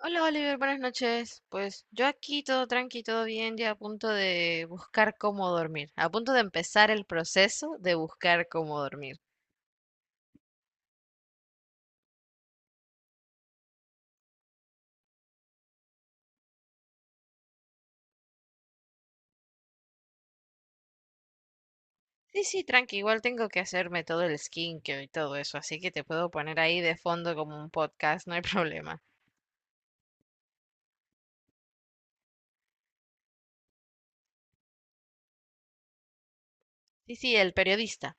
Hola Oliver, buenas noches. Pues yo aquí todo tranqui, todo bien, ya a punto de buscar cómo dormir, a punto de empezar el proceso de buscar cómo dormir. Sí, sí, tranqui, igual tengo que hacerme todo el skincare y todo eso, así que te puedo poner ahí de fondo como un podcast, no hay problema. Sí, sí, el periodista.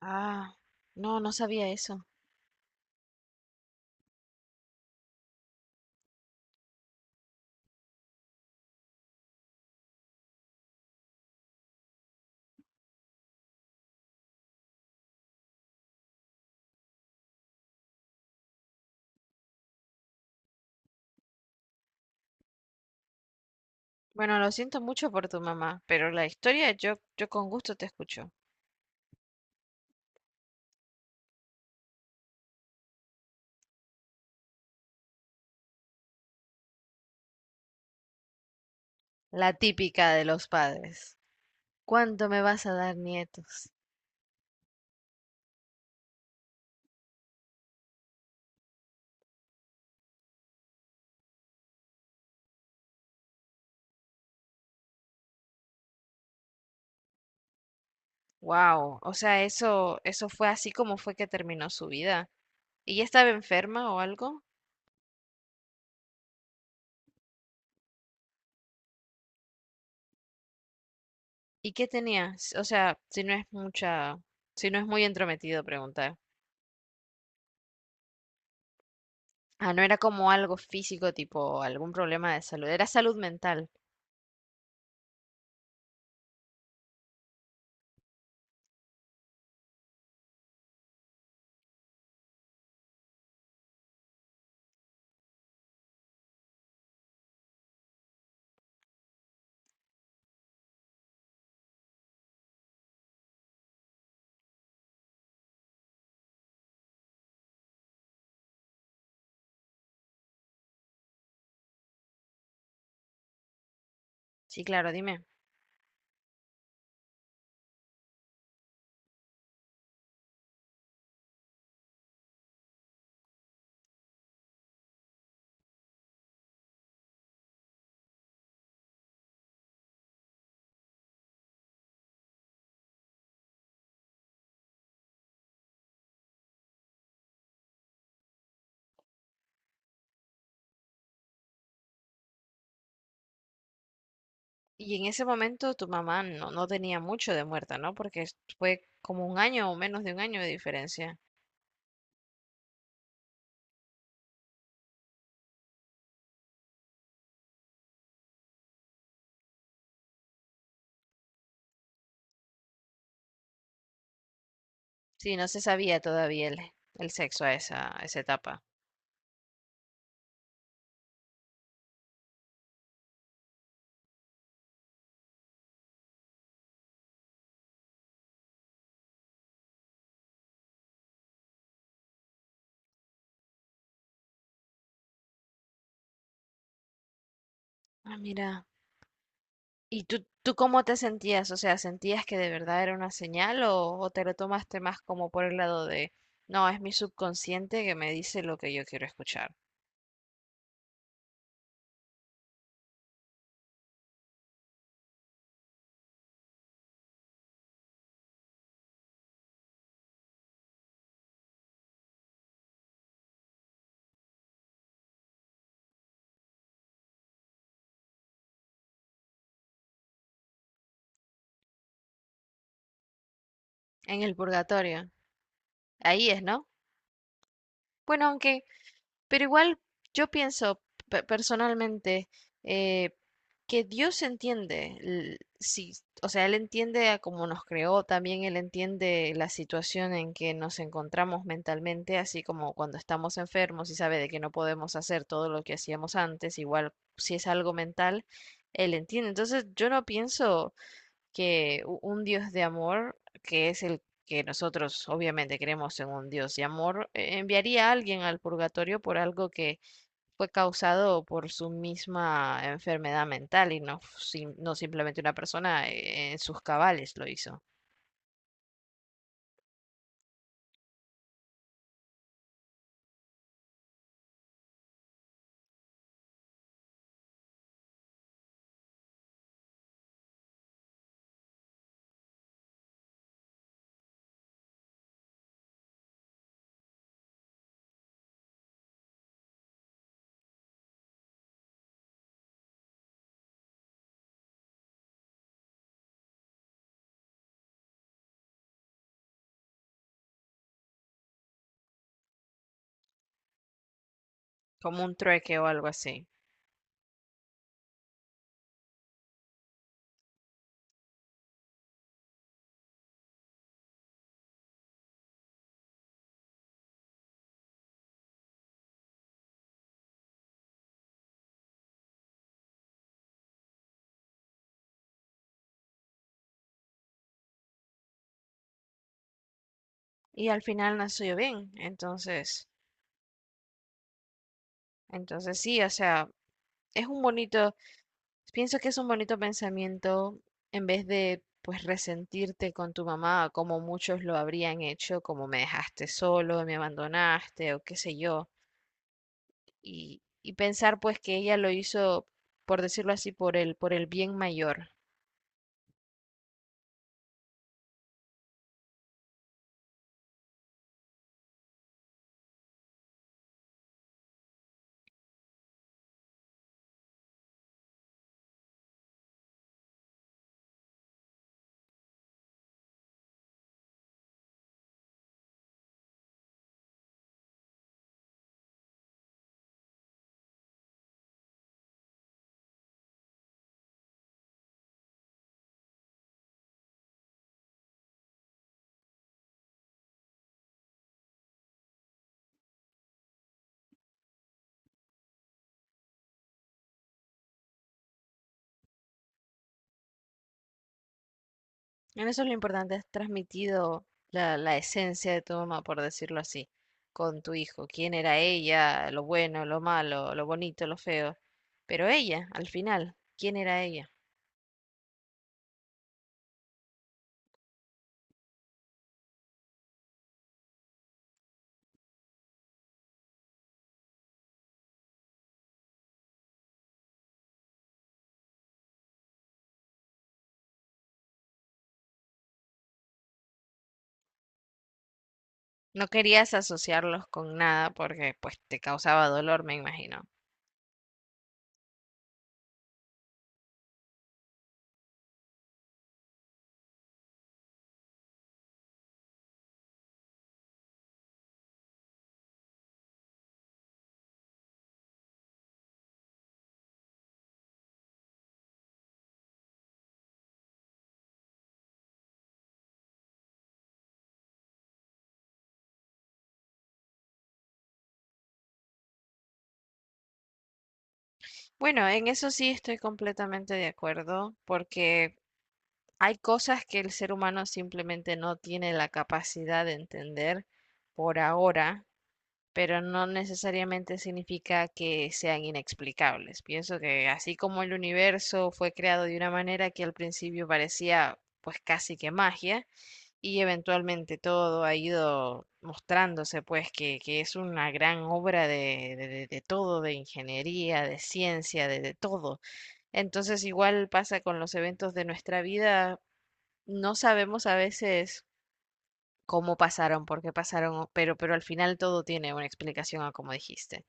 Ah, no, no sabía eso. Bueno, lo siento mucho por tu mamá, pero la historia yo con gusto te escucho. La típica de los padres. ¿Cuánto me vas a dar nietos? Wow, o sea, eso fue así como fue que terminó su vida. ¿Y ya estaba enferma o algo? ¿Y qué tenía? O sea, si no es mucha, si no es muy entrometido preguntar. Ah, no era como algo físico, tipo algún problema de salud, era salud mental. Sí, claro, dime. Y en ese momento tu mamá no tenía mucho de muerta, ¿no? Porque fue como un año o menos de un año de diferencia. Sí, no se sabía todavía el sexo a a esa etapa. Ah, mira. ¿Y tú cómo te sentías? O sea, ¿sentías que de verdad era una señal o te lo tomaste más como por el lado de, no, es mi subconsciente que me dice lo que yo quiero escuchar? En el purgatorio. Ahí es, ¿no? Bueno, aunque pero igual yo pienso personalmente, eh, que Dios entiende, sí, o sea, Él entiende a cómo nos creó, también Él entiende la situación en que nos encontramos mentalmente, así como cuando estamos enfermos y sabe de que no podemos hacer todo lo que hacíamos antes, igual si es algo mental, Él entiende. Entonces yo no pienso que un Dios de amor, que es el que nosotros obviamente creemos en un Dios de amor, enviaría a alguien al purgatorio por algo que fue causado por su misma enfermedad mental y no, no simplemente una persona en sus cabales lo hizo, como un trueque o algo así. Y al final nació bien, entonces, entonces sí, o sea, es un bonito, pienso que es un bonito pensamiento en vez de pues resentirte con tu mamá como muchos lo habrían hecho, como me dejaste solo, me abandonaste o qué sé yo, y pensar pues que ella lo hizo, por decirlo así, por por el bien mayor. En eso lo importante es transmitido la esencia de tu mamá, por decirlo así, con tu hijo, quién era ella, lo bueno, lo malo, lo bonito, lo feo, pero ella, al final, quién era ella. No querías asociarlos con nada porque pues te causaba dolor, me imagino. Bueno, en eso sí estoy completamente de acuerdo porque hay cosas que el ser humano simplemente no tiene la capacidad de entender por ahora, pero no necesariamente significa que sean inexplicables. Pienso que así como el universo fue creado de una manera que al principio parecía pues casi que magia, y eventualmente todo ha ido mostrándose, pues, que es una gran obra de, de todo, de ingeniería, de ciencia, de todo. Entonces, igual pasa con los eventos de nuestra vida, no sabemos a veces cómo pasaron, por qué pasaron, pero al final todo tiene una explicación a como dijiste.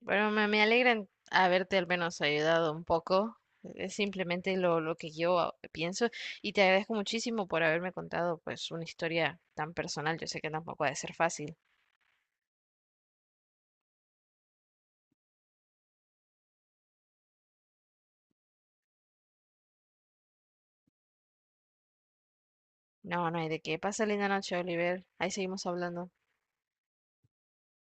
Bueno, me alegra en haberte al menos ayudado un poco. Es simplemente lo que yo pienso, y te agradezco muchísimo por haberme contado pues una historia tan personal. Yo sé que tampoco ha de ser fácil. No, no hay de qué. Pasa linda noche, Oliver. Ahí seguimos hablando.